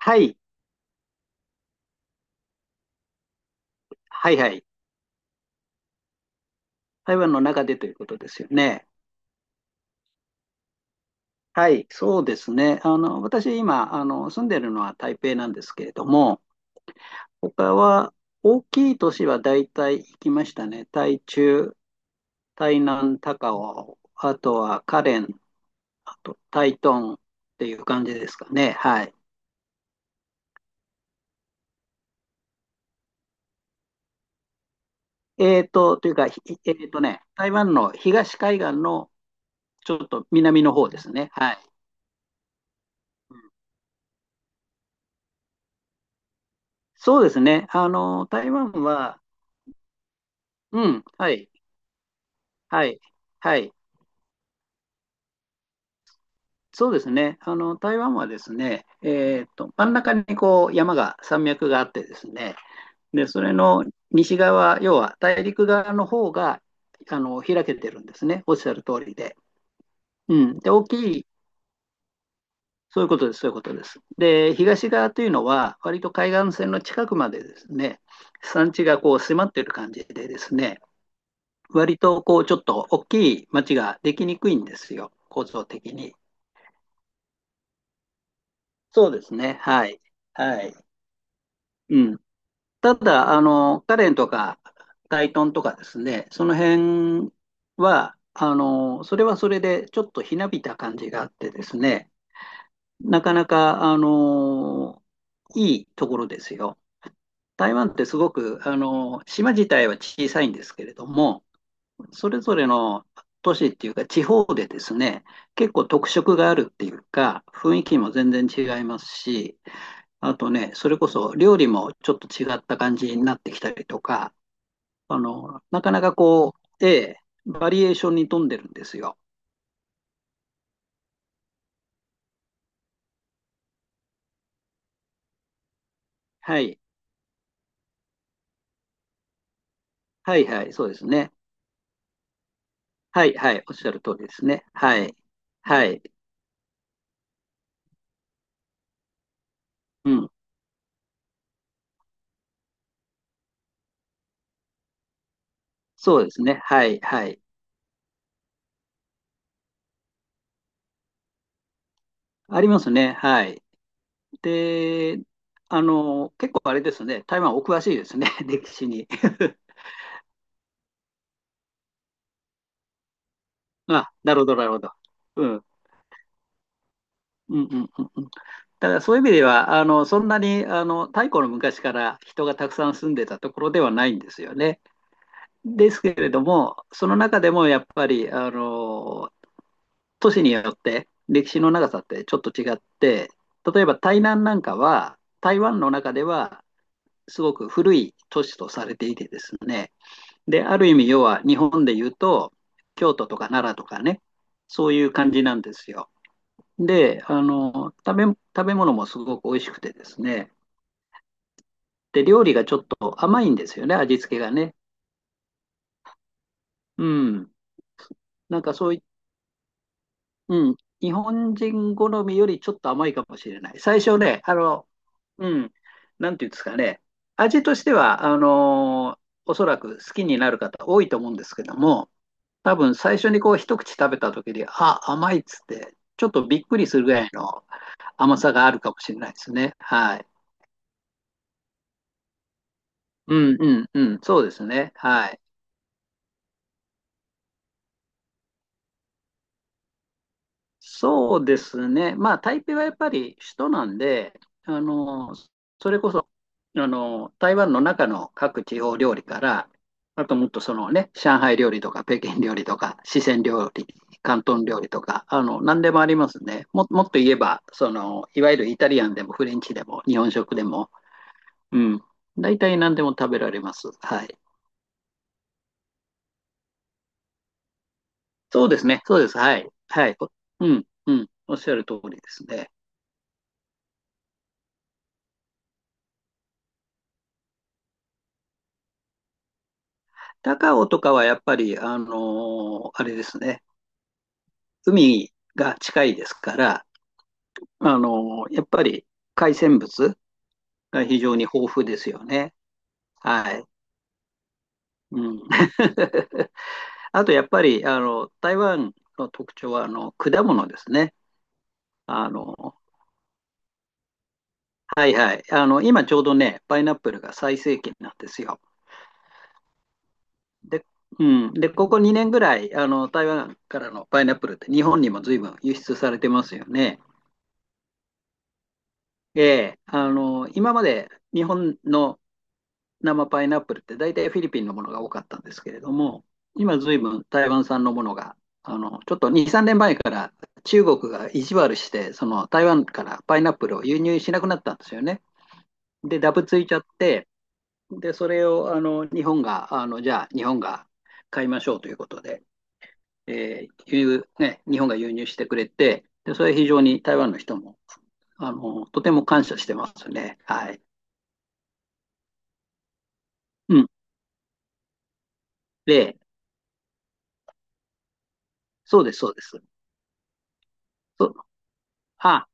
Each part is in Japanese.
はい、はいはい。台湾の中でということですよね。はい、そうですね。私今、住んでるのは台北なんですけれども、他は大きい都市は大体行きましたね。台中、台南、高雄、あとは花蓮、あと台東っていう感じですかね。はい。えーと、というか、ひえーとね、台湾の東海岸のちょっと南の方ですね。はい。そうですね。台湾は、うん、はい。はい、はい、そうですね、あの台湾はですね、真ん中にこう山が、山脈があってですね、でそれの西側、要は大陸側の方が開けてるんですね、おっしゃる通りで。うん、で、大きい、そういうことです、そういうことです。で、東側というのは、割と海岸線の近くまでですね、山地がこう迫ってる感じでですね、割とこうちょっと大きい町ができにくいんですよ、構造的に。そうですね。はい。はい。うん。ただ、カレンとか、タイトンとかですね、その辺は、それはそれで、ちょっとひなびた感じがあってですね、なかなか、いいところですよ。台湾ってすごく、島自体は小さいんですけれども、それぞれの都市っていうか、地方でですね、結構特色があるっていうか、雰囲気も全然違いますし、あとね、それこそ料理もちょっと違った感じになってきたりとか、なかなかこう、ええ、バリエーションに富んでるんですよ。はい。はいはい、そうですね。はい、はい、おっしゃる通りですね。はい。はい。うん。そうですね。はい、はい。ありますね。はい。で、結構あれですね。台湾お詳しいですね。歴史に。あ、なるほど、なるほど。うん。うんうんうんうん。だからそういう意味では、そんなに、太古の昔から人がたくさん住んでたところではないんですよね。ですけれども、その中でもやっぱり、都市によって歴史の長さってちょっと違って、例えば台南なんかは、台湾の中ではすごく古い都市とされていてですね。で、ある意味、要は日本で言うと、京都とか奈良とかね、そういう感じなんですよ。で、食べ物もすごく美味しくてですね。で、料理がちょっと甘いんですよね、味付けがね。うん。なんかそうい、うん。日本人好みよりちょっと甘いかもしれない。最初ね、うん。なんていうんですかね。味としては、おそらく好きになる方多いと思うんですけども、多分最初にこう一口食べた時に、あ、甘いっつって、ちょっとびっくりするぐらいの甘さがあるかもしれないですね。はい。うんうんうん、そうですね。はい。そうですね。まあ、台北はやっぱり首都なんで、あの、それこそ、台湾の中の各地方料理から、あともっとそのね、上海料理とか、北京料理とか、四川料理、広東料理とか、何でもありますね。もっと言えば、その、いわゆるイタリアンでもフレンチでも日本食でも、うん、大体何でも食べられます。はい。そうですね。そうです。はい。はい。おうん、うん。おっしゃる通りですね。高尾とかはやっぱり、あのーあれですね、海が近いですから、あのーやっぱり海鮮物が非常に豊富ですよね。はい。うん、あとやっぱり、台湾の特徴は、果物ですね。あの、はいはい。今ちょうどね、パイナップルが最盛期なんですよ。で、うん。で、ここ2年ぐらい、台湾からのパイナップルって日本にも随分輸出されてますよね。ええ、今まで日本の生パイナップルって大体フィリピンのものが多かったんですけれども、今ずいぶん台湾産のものが、ちょっと2、3年前から中国が意地悪して、その台湾からパイナップルを輸入しなくなったんですよね。で、ダブついちゃって、で、それをあの日本が、じゃあ日本が買いましょうということで、輸入ね、日本が輸入してくれて、で、それ非常に台湾の人も、とても感謝してますね。はい。うんで、そうです、そうです。そ、あ、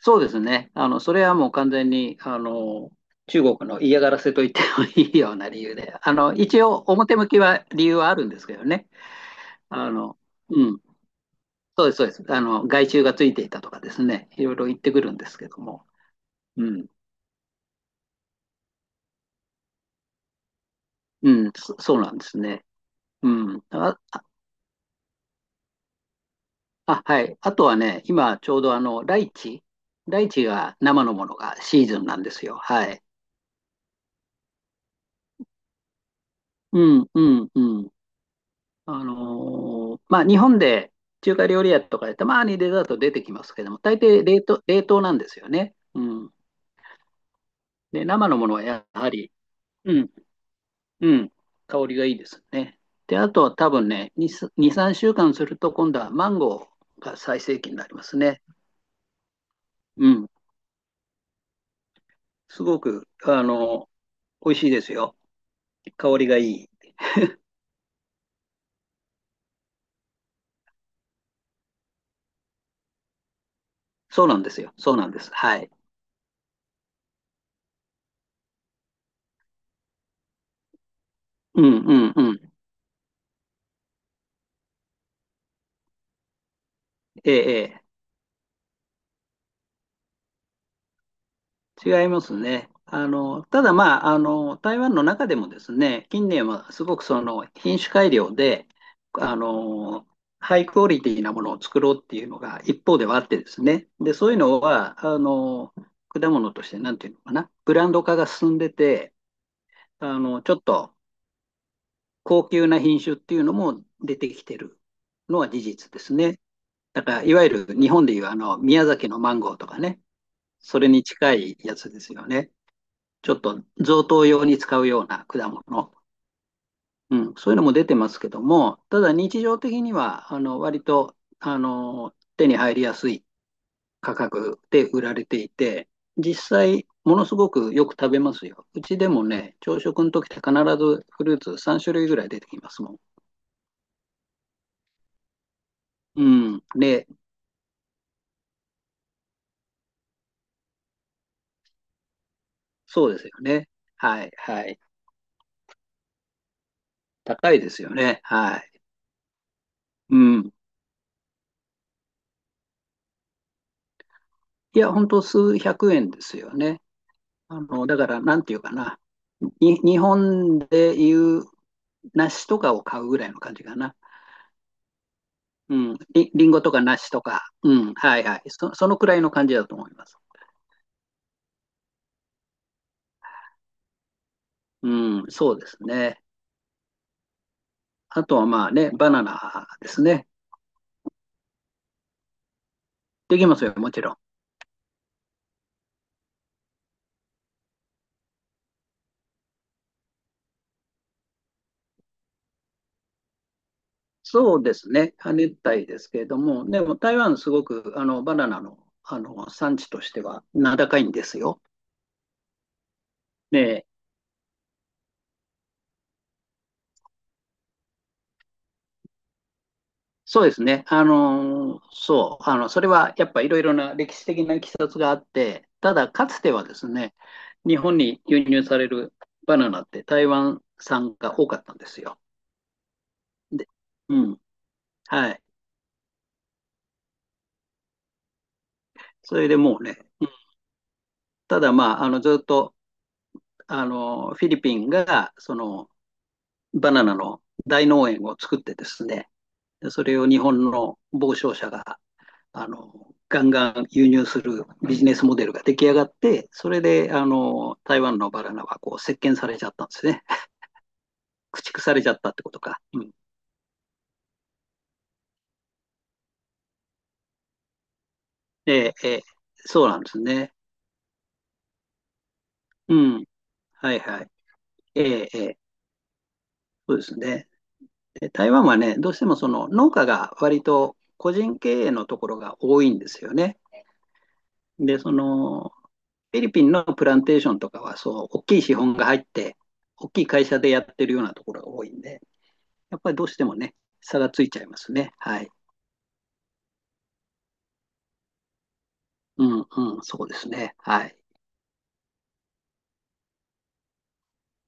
そうですね。それはもう完全に、中国の嫌がらせと言ってもいいような理由で、一応表向きは理由はあるんですけどね。あの、うん、そうです、そうです。害虫がついていたとかですね、いろいろ言ってくるんですけども。うん、うん、そそうなんですね。うん。あはい。あとはね、今ちょうどあの、ライチが生のものがシーズンなんですよ。はい。うん、うん、うん。あのーまあ、日本で中華料理屋とかでたまにデザート出てきますけども、大抵冷凍なんですよね。うん。で、生のものはやはり、うん、うん、香りがいいですね。で、あとは多分ね、2、2、3週間すると今度はマンゴーが最盛期になりますね。うん。すごく、美味しいですよ。香りがいい。そうなんですよ。そうなんです。はい。うん、うん、うん。ええ、ええ。違いますね。ただまあ、台湾の中でもですね、近年はすごくその品種改良で、あの、ハイクオリティなものを作ろうっていうのが一方ではあってですね。で、そういうのは、果物としてなんていうのかな、ブランド化が進んでて、ちょっと高級な品種っていうのも出てきてるのは事実ですね。だから、いわゆる日本でいうあの、宮崎のマンゴーとかね、それに近いやつですよね。ちょっと贈答用に使うような果物、うん、そういうのも出てますけども、ただ日常的には、割と、手に入りやすい価格で売られていて、実際、ものすごくよく食べますよ。うちでもね、朝食の時って必ずフルーツ3種類ぐらい出てきますもん。うん。ね、そうですよね。はい、はい。高いですよね。はい。うん。いや、ほんと数百円ですよね。だから、なんていうかな。日本でいう梨とかを買うぐらいの感じかな。うん。りんごとか梨とか。うん。はいはい。そのくらいの感じだと思います。うん。そうですね。あとはまあね、バナナですね。できますよ、もちろん。そうですね。亜熱帯ですけれども、でも台湾すごくあのバナナの、産地としては名高いんですよ。ねえそうですね。あのーそう、それはやっぱいろいろな歴史的な経緯があって、ただかつてはですね、日本に輸入されるバナナって台湾産が多かったんですよ。で、うん、はい。それでもうね、ただまあ、あの、ずっと、あの、フィリピンが、その、バナナの大農園を作ってですね、でそれを日本の傍聴者がガンガン輸入するビジネスモデルが出来上がって、それで、台湾のバナナはこう、石鹸されちゃったんですね。駆逐されちゃったってことか。うん。ええ、えそうなんですね。うん。はいはい。ええ、ええ、そうですね。で台湾はね、どうしてもその農家が割と個人経営のところが多いんですよね。で、その、フィリピンのプランテーションとかは、そう、大きい資本が入って、大きい会社でやってるようなところが多いんで、やっぱりどうしてもね、差がついちゃいますね。はい。うんうん、そうですね。はい。